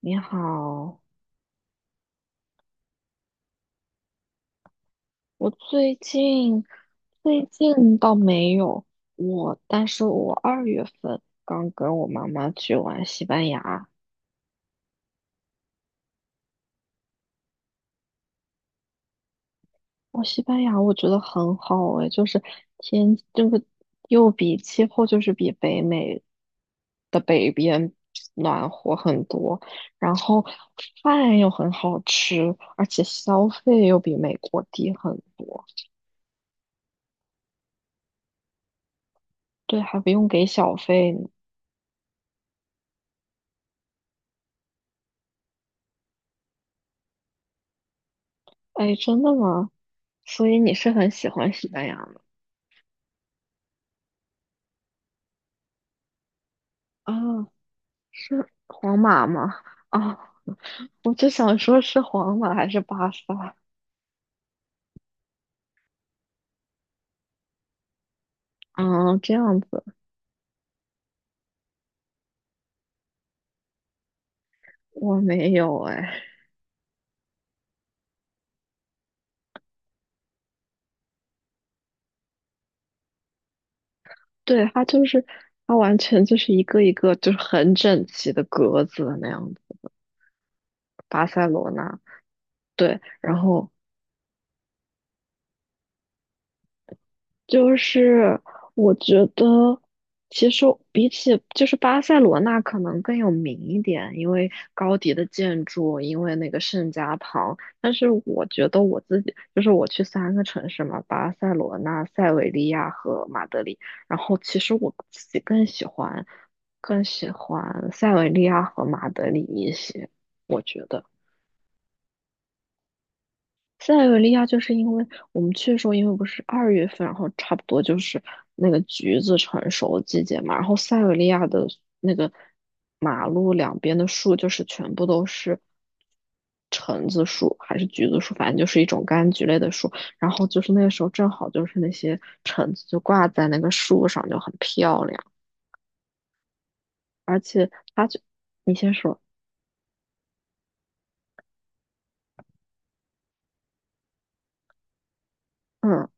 你好，我最近倒没有但是我二月份刚跟我妈妈去玩西班牙。我西班牙我觉得很好诶，就是天这个又比气候就是比北美的北边暖和很多，然后饭又很好吃，而且消费又比美国低很多。对，还不用给小费，哎，真的吗？所以你是很喜欢西班牙的啊，是皇马吗？啊，我就想说是皇马还是巴萨？啊？这样子，我没有哎。对，它就是它完全就是一个一个就是很整齐的格子那样子。巴塞罗那，对，然后就是我觉得，其实比起就是巴塞罗那可能更有名一点，因为高迪的建筑，因为那个圣家堂。但是我觉得我自己，就是我去三个城市嘛，巴塞罗那、塞维利亚和马德里。然后其实我自己更喜欢，更喜欢塞维利亚和马德里一些，我觉得。塞尔维利亚就是因为我们去的时候，因为不是二月份，然后差不多就是那个橘子成熟的季节嘛，然后塞尔维利亚的那个马路两边的树就是全部都是橙子树还是橘子树，反正就是一种柑橘类的树。然后就是那个时候正好就是那些橙子就挂在那个树上，就很漂亮。而且它就，你先说，嗯。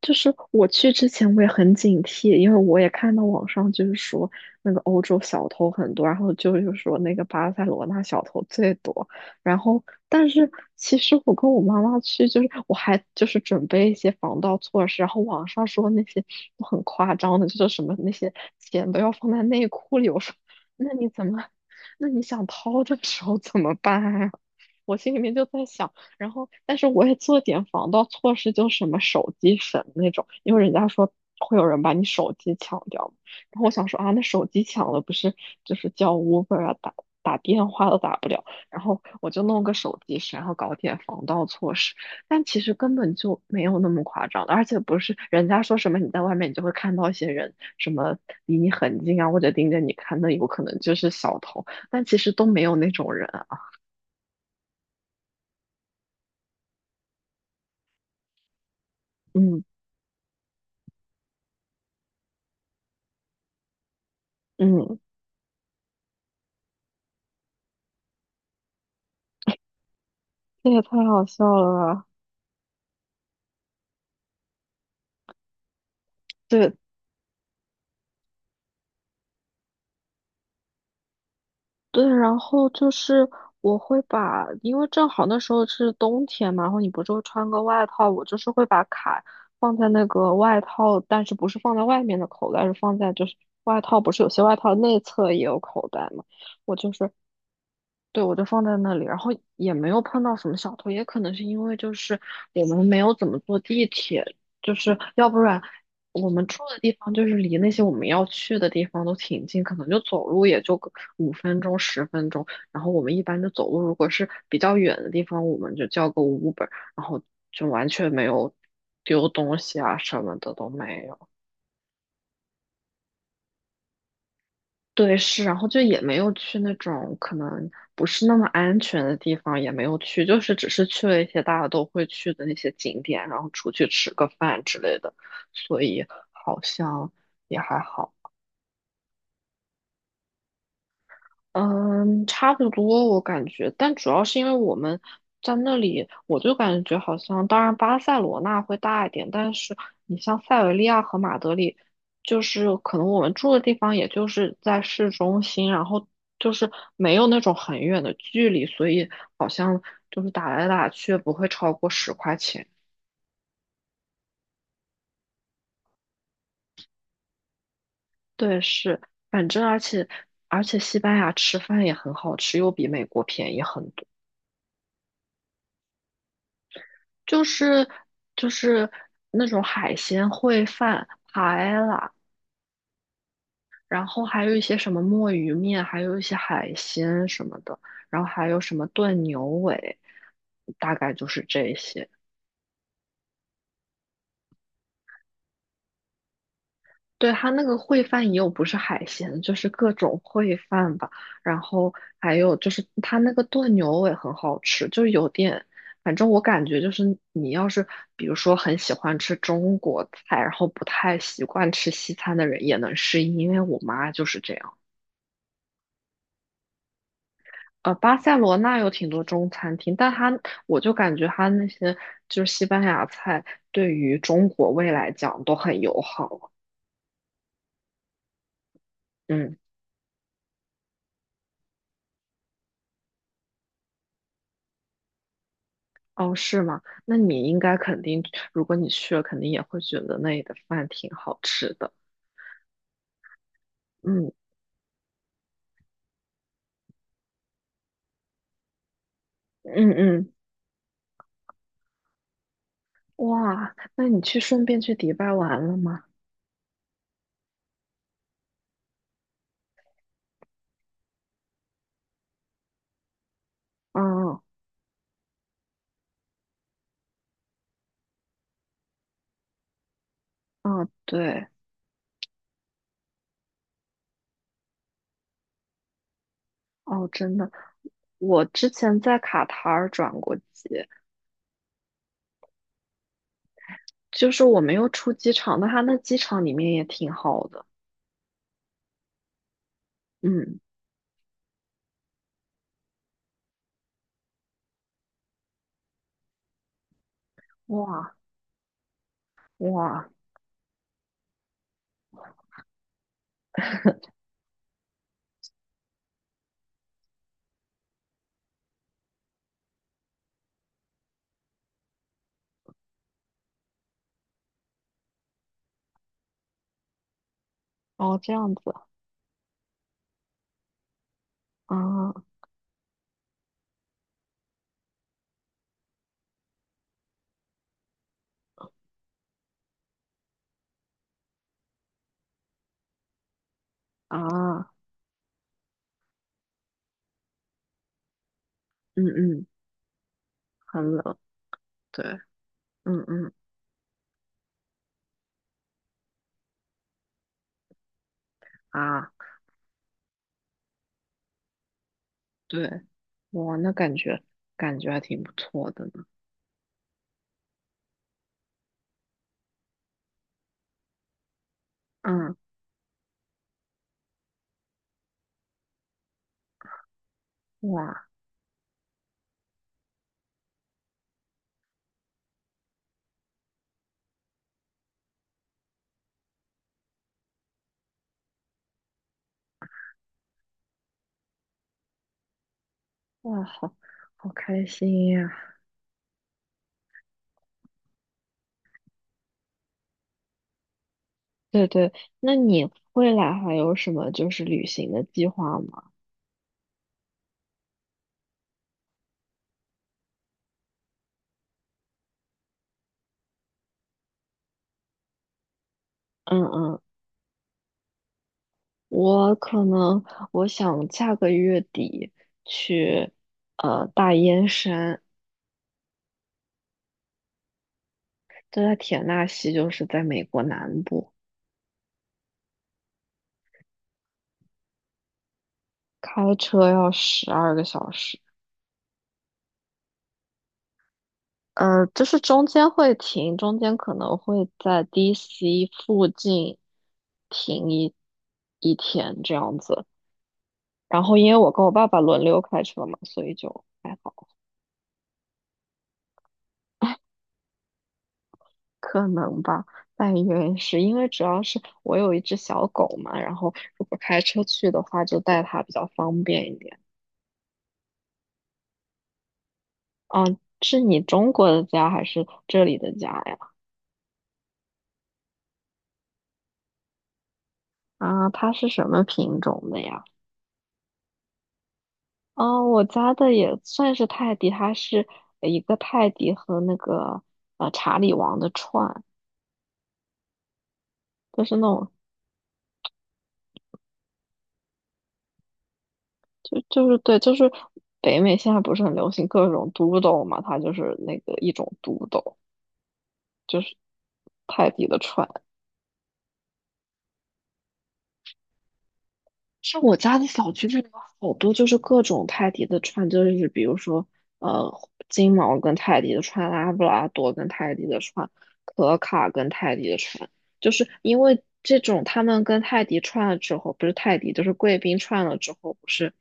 就是我去之前我也很警惕，因为我也看到网上就是说那个欧洲小偷很多，然后就是说那个巴塞罗那小偷最多。然后，但是其实我跟我妈妈去，就是我还就是准备一些防盗措施，然后网上说那些都很夸张的，就是什么那些钱都要放在内裤里。我说，那你怎么，那你想掏的时候怎么办呀？我心里面就在想，然后但是我也做点防盗措施，就什么手机绳那种，因为人家说会有人把你手机抢掉嘛。然后我想说啊，那手机抢了不是就是叫 Uber 啊，打电话都打不了，然后我就弄个手机绳，然后搞点防盗措施。但其实根本就没有那么夸张的，而且不是人家说什么你在外面你就会看到一些人什么离你很近啊，或者盯着你看，那有可能就是小偷，但其实都没有那种人啊。嗯嗯。这也太好笑了吧！对对，然后就是我会把，因为正好那时候是冬天嘛，然后你不是会穿个外套，我就是会把卡放在那个外套，但是不是放在外面的口袋，是放在就是外套，不是有些外套内侧也有口袋嘛，我就是对，我就放在那里，然后也没有碰到什么小偷，也可能是因为就是我们没有怎么坐地铁，就是要不然我们住的地方就是离那些我们要去的地方都挺近，可能就走路也就个5分钟、10分钟，然后我们一般就走路，如果是比较远的地方，我们就叫个 Uber，然后就完全没有丢东西啊什么的都没有。对，是，然后就也没有去那种可能不是那么安全的地方，也没有去，就是只是去了一些大家都会去的那些景点，然后出去吃个饭之类的，所以好像也还好。嗯，差不多，我感觉，但主要是因为我们在那里，我就感觉好像，当然巴塞罗那会大一点，但是你像塞维利亚和马德里，就是可能我们住的地方，也就是在市中心，然后就是没有那种很远的距离，所以好像就是打来打去不会超过10块钱。对，是，反正而且而且西班牙吃饭也很好吃，又比美国便宜很多。就是就是那种海鲜烩饭、海啦，然后还有一些什么墨鱼面，还有一些海鲜什么的，然后还有什么炖牛尾，大概就是这些。对，它那个烩饭也有不是海鲜，就是各种烩饭吧。然后还有就是它那个炖牛尾很好吃，就有点，反正我感觉就是你要是比如说很喜欢吃中国菜，然后不太习惯吃西餐的人也能适应，因为我妈就是这样。呃，巴塞罗那有挺多中餐厅，但它我就感觉它那些就是西班牙菜对于中国胃来讲都很友好。嗯。哦，是吗？那你应该肯定，如果你去了，肯定也会觉得那里的饭挺好吃的。嗯嗯嗯，哇，那你去顺便去迪拜玩了吗？嗯嗯，对，哦，真的，我之前在卡塔尔转过机，就是我没有出机场，但它那机场里面也挺好的。嗯，哇哇，哦，这样子啊啊，嗯嗯，很冷，对，嗯嗯啊。对，哇，那感觉感觉还挺不错的呢。嗯，哇哇，好好开心呀！对对，那你未来还有什么就是旅行的计划吗？嗯嗯，我可能我想下个月底去呃大烟山，就在田纳西，就是在美国南部，开车要12个小时。呃，就是中间会停，中间可能会在 DC 附近停一天这样子。然后因为我跟我爸爸轮流开车嘛，所以就还好，可能吧。但原是因为主要是我有一只小狗嘛，然后如果开车去的话，就带它比较方便一点。啊，是你中国的家还是这里的家呀？啊，它是什么品种的呀？哦，我家的也算是泰迪，它是一个泰迪和那个呃查理王的串，就是那种就是对，就是北美现在不是很流行各种 d o 嘛，它就是那个一种 d o 泰迪的串。是我家的小区这里有好多就是各种泰迪的串，就是比如说呃金毛跟泰迪的串，拉布拉多跟泰迪的串，可卡跟泰迪的串，就是因为这种他们跟泰迪串了之后，不是泰迪就是贵宾串了之后，不是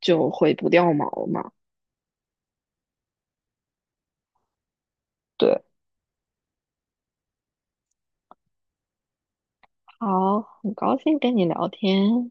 就会不掉毛嘛？对，好，很高兴跟你聊天。